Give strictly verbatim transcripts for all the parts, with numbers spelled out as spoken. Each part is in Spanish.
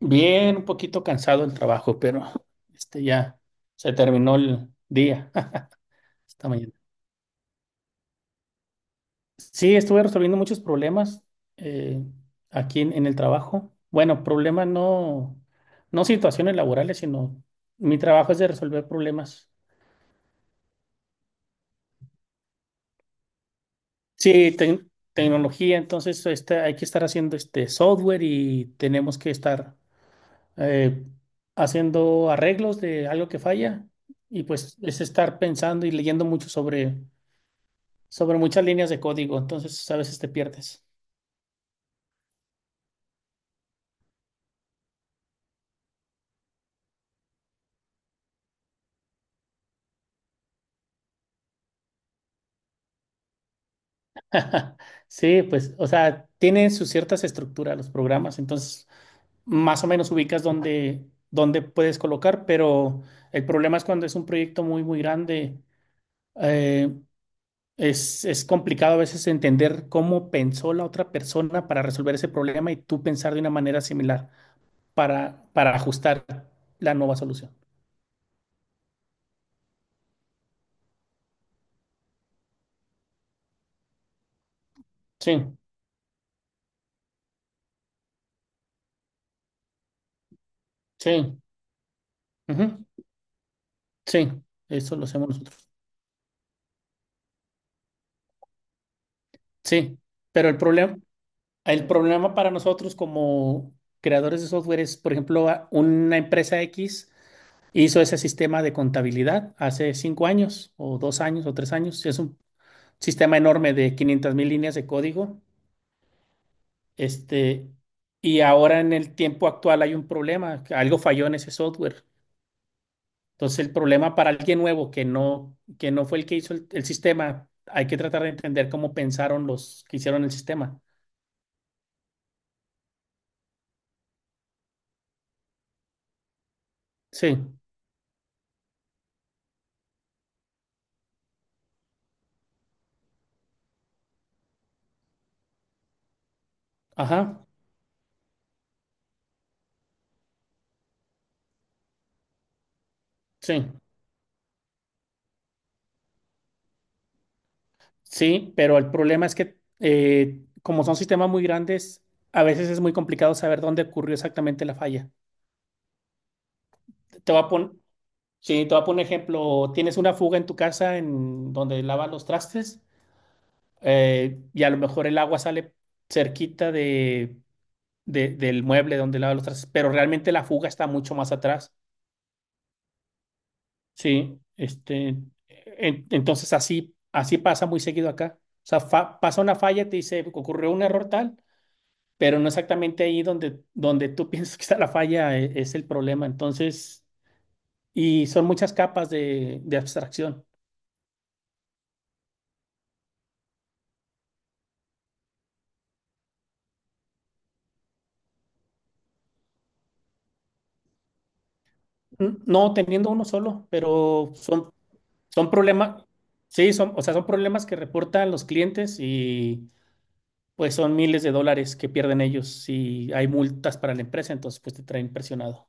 Bien, un poquito cansado el trabajo, pero este ya se terminó el día esta mañana. Sí, estuve resolviendo muchos problemas eh, aquí en, en el trabajo. Bueno, problemas no, no situaciones laborales, sino mi trabajo es de resolver problemas. Sí, tec- tecnología, entonces este, hay que estar haciendo este software y tenemos que estar eh, haciendo arreglos de algo que falla, y pues es estar pensando y leyendo mucho sobre sobre muchas líneas de código, entonces pues, a veces te pierdes. Sí, pues, o sea, tienen sus ciertas estructuras los programas, entonces más o menos ubicas dónde, dónde puedes colocar, pero el problema es cuando es un proyecto muy, muy grande, eh, es, es complicado a veces entender cómo pensó la otra persona para resolver ese problema y tú pensar de una manera similar para, para ajustar la nueva solución. Sí, sí, ujú, sí, eso lo hacemos nosotros. Sí, pero el problema, el problema para nosotros como creadores de software es, por ejemplo, a- una empresa X hizo ese sistema de contabilidad hace cinco años o dos años o tres años. Es un sistema enorme de quinientas mil líneas de código. Este, y ahora en el tiempo actual hay un problema, que algo falló en ese software. Entonces el problema para alguien nuevo que no, que no fue el que hizo el, el sistema, hay que tratar de entender cómo pensaron los que hicieron el sistema. Sí, ajá, sí. Sí, pero el problema es que eh, como son sistemas muy grandes, a veces es muy complicado saber dónde ocurrió exactamente la falla. Te voy a poner, sí, te voy a poner un ejemplo, tienes una fuga en tu casa en donde lavas los trastes, eh, y a lo mejor el agua sale cerquita de, de- del mueble donde lavas los trastes, pero realmente la fuga está mucho más atrás. Sí, este, en- entonces así, así pasa muy seguido acá. O sea, fa- pasa una falla, te dice, ocurrió un error tal, pero no exactamente ahí donde, donde tú piensas que está la falla, e- es el problema. Entonces, y son muchas capas de, de abstracción. N- No teniendo uno solo, pero son, son problemas, sí, son, o sea, son problemas que reportan los clientes y pues son miles de dólares que pierden ellos y hay multas para la empresa, entonces pues te traen presionado.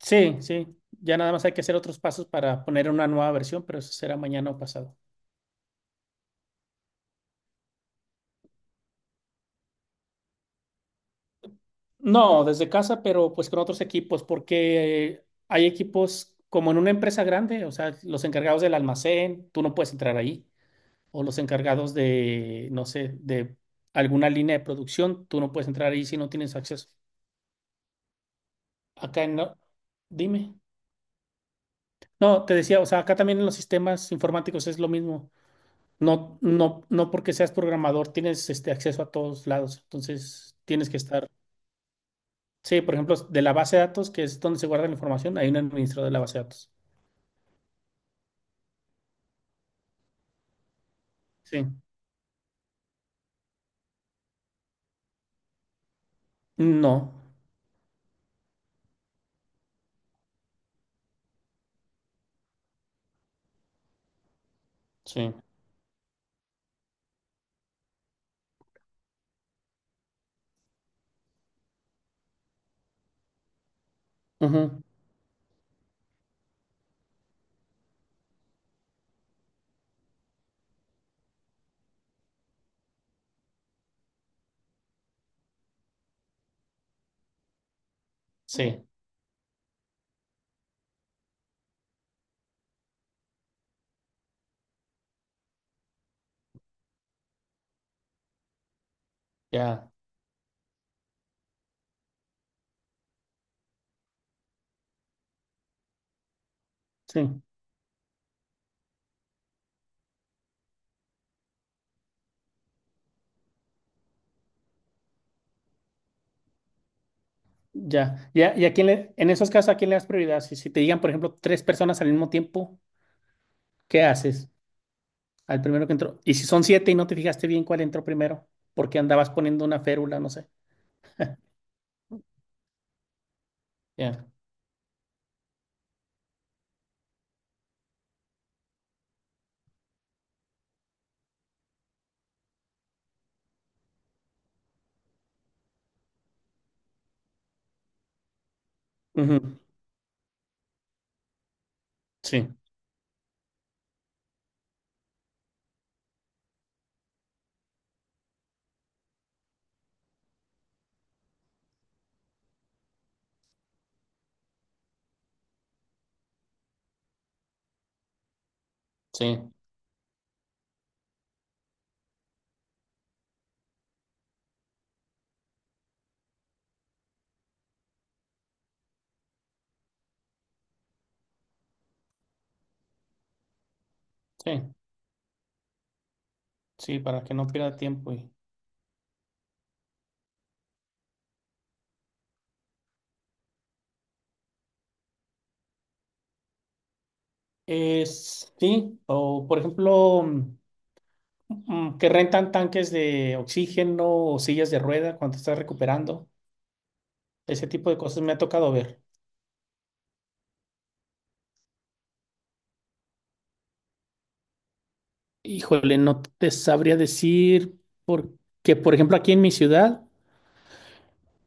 Sí, sí, ya nada más hay que hacer otros pasos para poner una nueva versión, pero eso será mañana o pasado. No, desde casa, pero pues con otros equipos, porque hay equipos como en una empresa grande, o sea, los encargados del almacén, tú no puedes entrar ahí, o los encargados de, no sé, de alguna línea de producción, tú no puedes entrar ahí si no tienes acceso. Acá no, dime. No, te decía, o sea, acá también en los sistemas informáticos es lo mismo. No, no, no porque seas programador tienes este acceso a todos lados, entonces tienes que estar. Sí, por ejemplo, de la base de datos, que es donde se guarda la información, hay un administrador de la base de datos. Sí, no, sí, ujú, sí, ya, sí, ya, ya, y a quién le, en esos casos, ¿a quién le das prioridad? Si, si te digan, por ejemplo, tres personas al mismo tiempo, ¿qué haces? Al primero que entró, y si son siete y no te fijaste bien cuál entró primero, porque andabas poniendo una férula, no sé, ya, ujú, sí, sí, sí, sí, para que no pierda tiempo y, es, sí, o por ejemplo, mm, mm, que rentan tanques de oxígeno o sillas de rueda cuando estás recuperando. Ese tipo de cosas me ha tocado ver. Híjole, no te sabría decir porque, por ejemplo, aquí en mi ciudad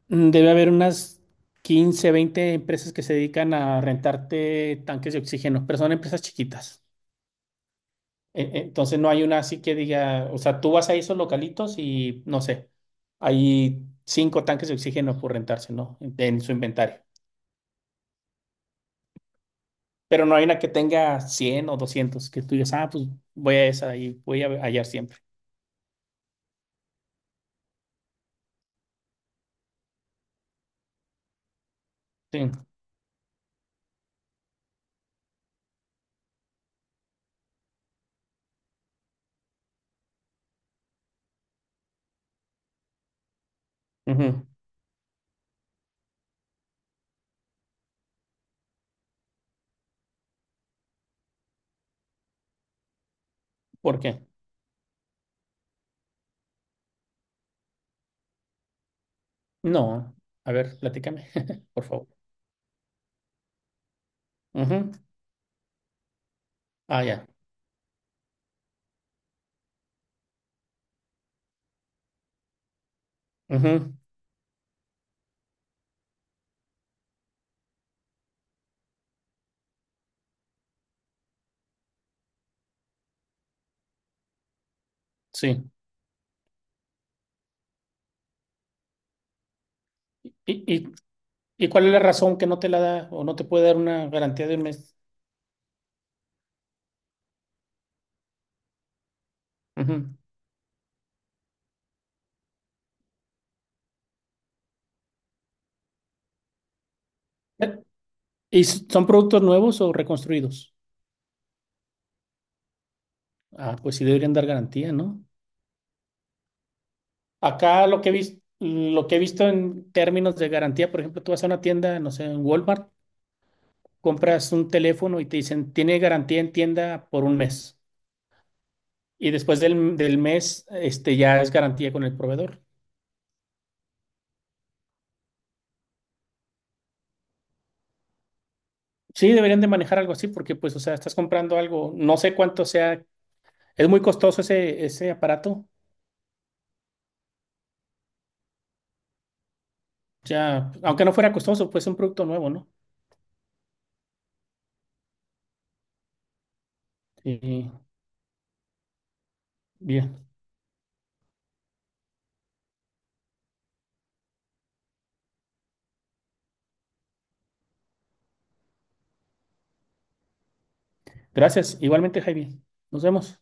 mm, debe haber unas quince veinte empresas que se dedican a rentarte tanques de oxígeno, pero son empresas chiquitas. E- e- Entonces no hay una así que diga, o sea, tú vas a esos localitos y no sé, hay cinco tanques de oxígeno por rentarse, ¿no? En, en su inventario. Pero no hay una que tenga cien o doscientos que tú digas, ah, pues voy a esa y voy a hallar siempre. Sí. Ujú. ¿Por qué? No, a ver, platícame, por favor. Ujú. Ah, ya. Ujú, sí. ¿Y, y, y cuál es la razón que no te la da o no te puede dar una garantía de un mes? Ujú. Eh, ¿Y s- son productos nuevos o reconstruidos? Ah, pues sí deberían dar garantía, ¿no? Acá lo que he visto, lo que he visto en términos de garantía, por ejemplo, tú vas a una tienda, no sé, en Walmart, compras un teléfono y te dicen, tiene garantía en tienda por un mes. Y después del, del mes, este, ya es garantía con el proveedor. Sí, deberían de manejar algo así porque, pues, o sea, estás comprando algo, no sé cuánto sea, es muy costoso ese, ese aparato, ya, aunque no fuera costoso, pues es un producto nuevo, ¿no? Y, bien, gracias. Igualmente, Jaime, nos vemos.